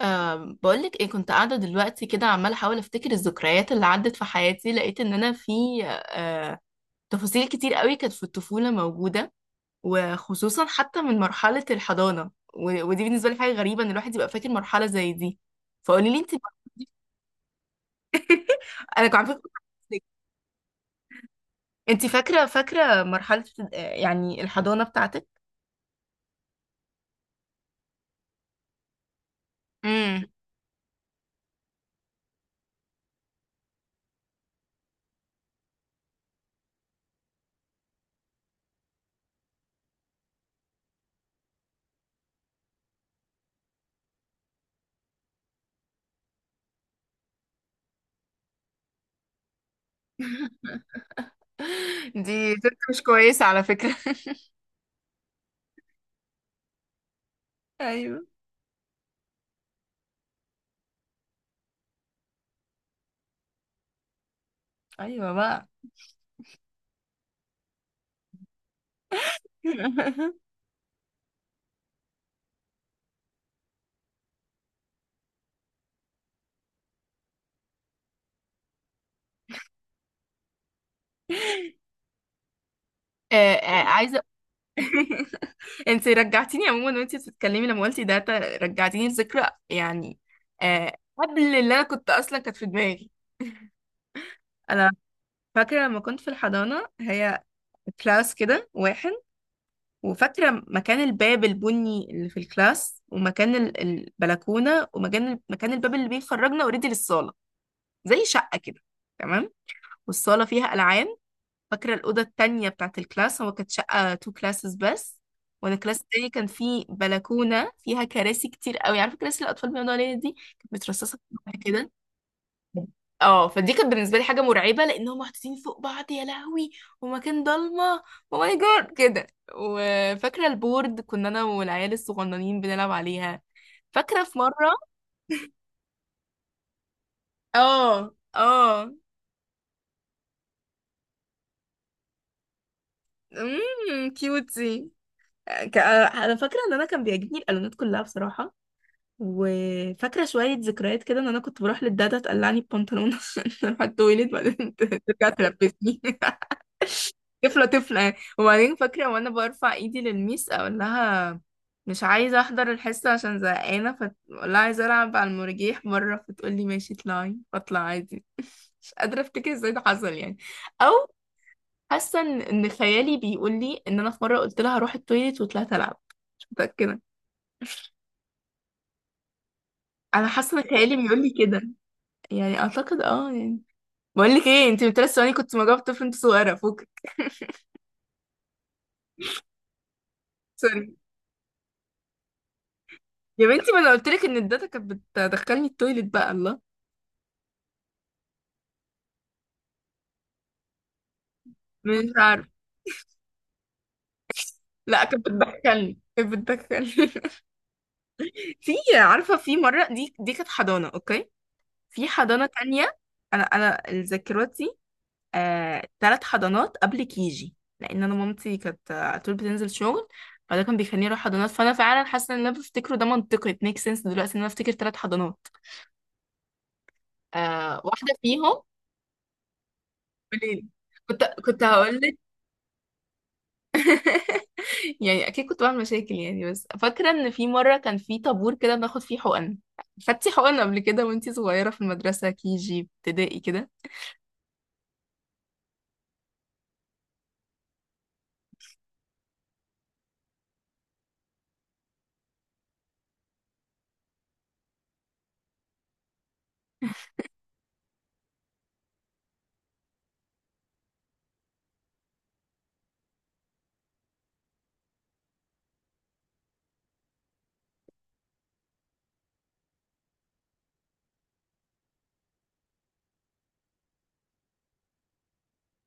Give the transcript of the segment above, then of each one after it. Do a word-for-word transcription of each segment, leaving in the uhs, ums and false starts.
أم بقولك ايه، كنت قاعدة دلوقتي كده عمالة احاول افتكر الذكريات اللي عدت في حياتي. لقيت ان انا في أه تفاصيل كتير قوي كانت في الطفولة موجودة، وخصوصا حتى من مرحلة الحضانة و- ودي بالنسبة لي حاجة غريبة ان الواحد يبقى فاكر مرحلة زي دي. فقولي لي انت. انا كنت عارفة كنت هسألك، انت فاكرة فاكرة مرحلة ابتد- آه، يعني الحضانة بتاعتك؟ امم. دي ست مش كويسة على فكرة. ايوه، ايوه بقى. آه، آه، عايزة. انت رجعتيني عموما وانت بتتكلمي لما قلتي ده، رجعتيني لذكرى يعني، آه قبل اللي انا كنت اصلا كانت في دماغي. انا فاكره لما كنت في الحضانه هي كلاس كده واحد، وفاكره مكان الباب البني اللي في الكلاس ومكان ال- البلكونه ومكان مكان الباب اللي بيخرجنا اوريدي للصاله، زي شقه كده. تمام. والصاله فيها العاب. فاكرة الأوضة التانية بتاعت الكلاس، هو كانت شقة تو كلاسز بس. وأنا الكلاس التاني كان فيه بلكونة فيها كراسي كتير قوي، عارفة كراسي الأطفال بيقعدوا عليها دي، كانت مترصصة في بعض كده. اه، فدي كانت بالنسبة لي حاجة مرعبة لأن هم محطوطين فوق بعض، يا لهوي. ومكان ضلمة، او ماي جاد كده. وفاكرة البورد كنا أنا والعيال الصغننين بنلعب عليها. فاكرة في مرة. اه، اه. امم كيوتي. ك- انا فاكره ان انا كان بيعجبني الالوانات كلها بصراحه. وفاكره شويه ذكريات كده، ان انا كنت بروح للدادا تقلعني البنطلون عشان اروح التويليت، بعدين ت- ترجع تلبسني. طفله طفله يعني. وبعدين فاكره وانا برفع ايدي للميس، اقول لها مش عايزه احضر الحصه عشان زهقانه، فاقول لها عايزه العب على المرجيح بره، فتقول لي ماشي اطلعي، فاطلع عادي. مش قادره افتكر ازاي ده حصل يعني. او حاسه ان إن خيالي بيقول لي ان انا في مره قلت لها هروح التويليت وطلعت العب. مش متاكده. انا حاسه ان خيالي بيقول لي كده. يعني اعتقد اه يعني. بقول لك ايه، انت من ثلاث ثواني كنت مجاوب طفل انت صغيره فوقك. سوري. يا بنتي ما انا قلت لك ان الداتا كانت بتدخلني التويليت بقى الله. مش عارف. لا، كانت بتدخلني كانت بتدخلني. في. عارفه في مره، دي دي كانت حضانه، اوكي. في حضانه تانية، انا انا ذاكرتي. آه ثلاث حضانات قبل كيجي، لان انا مامتي كانت آه، على طول بتنزل شغل، فده كان بيخليني اروح حضانات. فانا فعلا حاسه ان اللي انا بفتكره ده منطقي، it makes sense دلوقتي ان انا افتكر ثلاث حضانات. آه واحده فيهم. قوليلي، كنت كنت هقول لك. يعني اكيد كنت بعمل مشاكل يعني، بس فاكره ان في مره كان في طابور كده بناخد فيه حقن. خدتي حقن قبل كده وانتي صغيره في المدرسه كي جي ابتدائي كده؟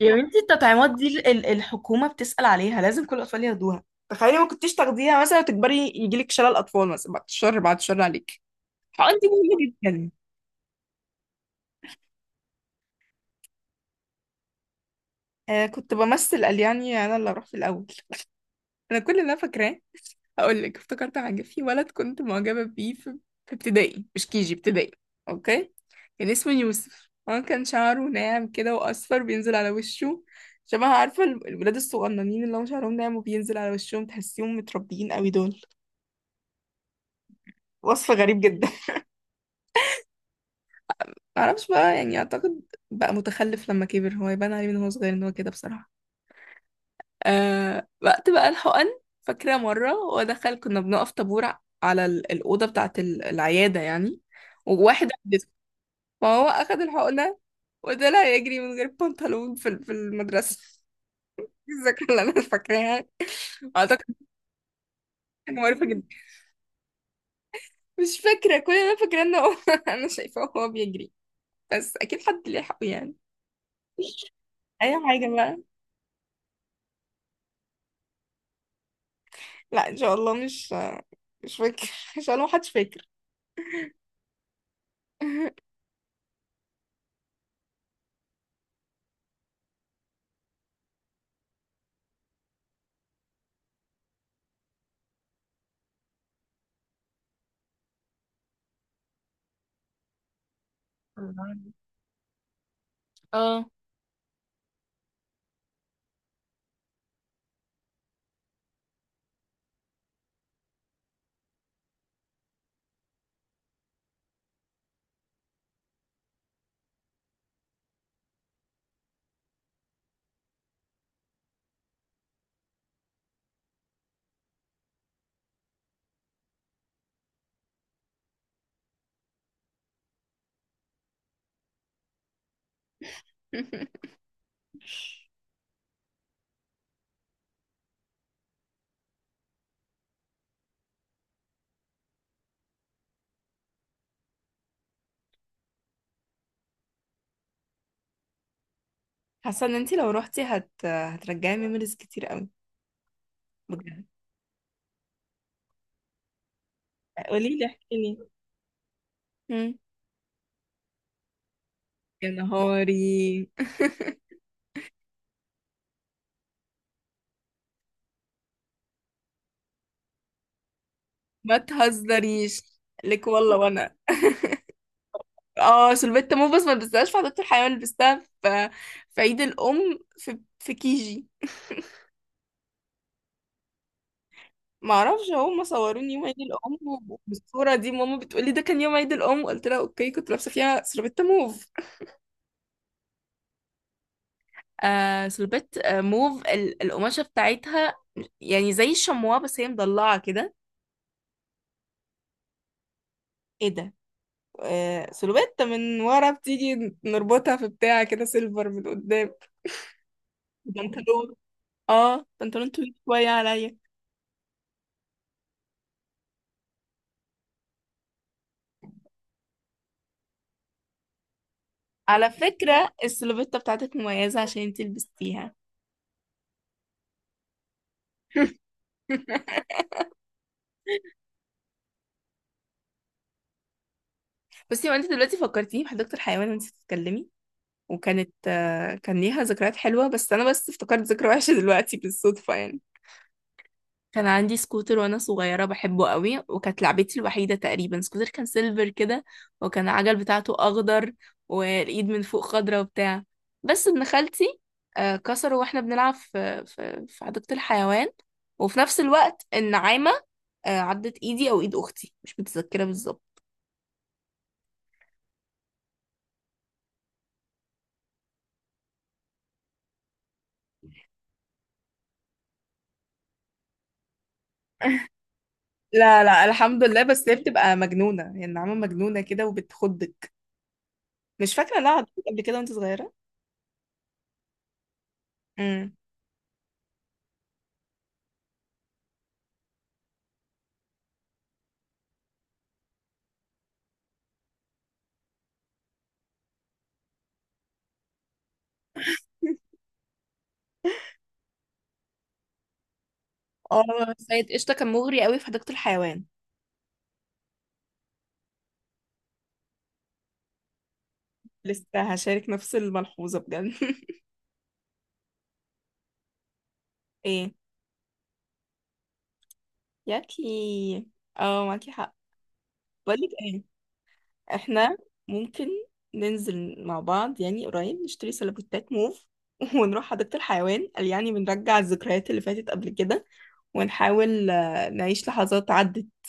يا بنتي التطعيمات دي ال- ال- الحكومة بتسأل عليها، لازم كل الأطفال ياخدوها. تخيلي ما كنتيش تاخديها مثلا وتكبري يجيلك شلل أطفال مثلا، بعد الشر بعد الشر عليك. الحقن دي مهمة جدا. آه كنت بمثل قال يعني أنا اللي أروح في الأول. أنا كل اللي أنا فاكراه، هقول لك، افتكرت حاجة في ولد كنت معجبة بيه في في ابتدائي مش كيجي ابتدائي، اوكي. كان اسمه يوسف، هو كان شعره ناعم كده واصفر بينزل على وشه، شبه عارفة ال- الولاد الصغننين اللي هم شعرهم ناعم وبينزل على وشهم، تحسيهم متربيين قوي دول. وصف غريب جدا. معرفش بقى، يعني اعتقد بقى متخلف لما كبر هو، يبان عليه من هو صغير ان هو كده بصراحة. آه وقت بقى الحقن، فاكرة مرة هو دخل كنا بنقف طابور على ال- الأوضة بتاعة ال- العيادة يعني. وواحد ما هو أخد الحقنة وطلع يجري من غير بنطلون في ال- في المدرسة. دي الذاكرة اللي أنا فاكراها. أعتقد دي حاجة معروفة جدا. مش فاكرة، كل اللي أنا فاكراه إن هو أنا شايفاه وهو بيجري، بس أكيد حد لحقه يعني. أي حاجة بقى. لا إن شاء الله مش مش فاكر. إن شاء الله محدش فاكر. والله. اه. حاسة إن أنتي لو روحتي هت هترجعي ميموريز كتير قوي، بجد. قولي لي، احكي لي. مم. يا نهاري. ما تهزريش لك والله. وانا اه سلفيت موفز ما لبستهاش في حديقة الحيوان، لبستها في في عيد الام، في في كيجي. ما اعرفش، هم صوروني يوم عيد الام، وبالصوره دي ماما بتقولي ده كان يوم عيد الام، قلت لها اوكي كنت لابسه فيها سلفيت موف. آه سلفيت آه موف، ال- القماشه بتاعتها يعني زي الشمواه بس هي مضلعه كده. ايه ده. آه سلوبيت من ورا بتيجي نربطها في بتاع كده سيلفر من قدام. بنطلون اه بنطلون طويل شوية عليا. على فكرة السلوفيتا بتاعتك مميزة عشان انت لبستيها. بصي، وانت دلوقتي فكرتيني بحديقة الحيوان وانت بتتكلمي، وكانت آه، كان ليها ذكريات حلوة، بس انا بس افتكرت ذكرى وحشة دلوقتي بالصدفة يعني. كان عندي سكوتر وانا صغيره بحبه قوي، وكانت لعبتي الوحيده تقريبا سكوتر، كان سيلفر كده، وكان العجل بتاعته اخضر، والايد من فوق خضره وبتاع. بس ابن خالتي آه، كسره واحنا بنلعب في في في حديقه الحيوان. وفي نفس الوقت النعامه آه، عضت ايدي او ايد اختي، مش متذكره بالظبط. لا، لا، الحمد لله، بس هي بتبقى مجنونة يعني. النعامة مجنونة كده وبتخضك. مش فاكرة لا عضتك قبل كده وانت صغيرة. امم. اه، سيد قشطه كان مغري قوي في حديقه الحيوان. لسه هشارك نفس الملحوظة بجد. ايه. ياكي. اه، معاكي حق. بقولك ايه، احنا ممكن ننزل مع بعض يعني قريب، نشتري سيلبوتات موف ونروح حديقة الحيوان، قال يعني بنرجع الذكريات اللي فاتت قبل كده، ونحاول آه، نعيش لحظات عدت.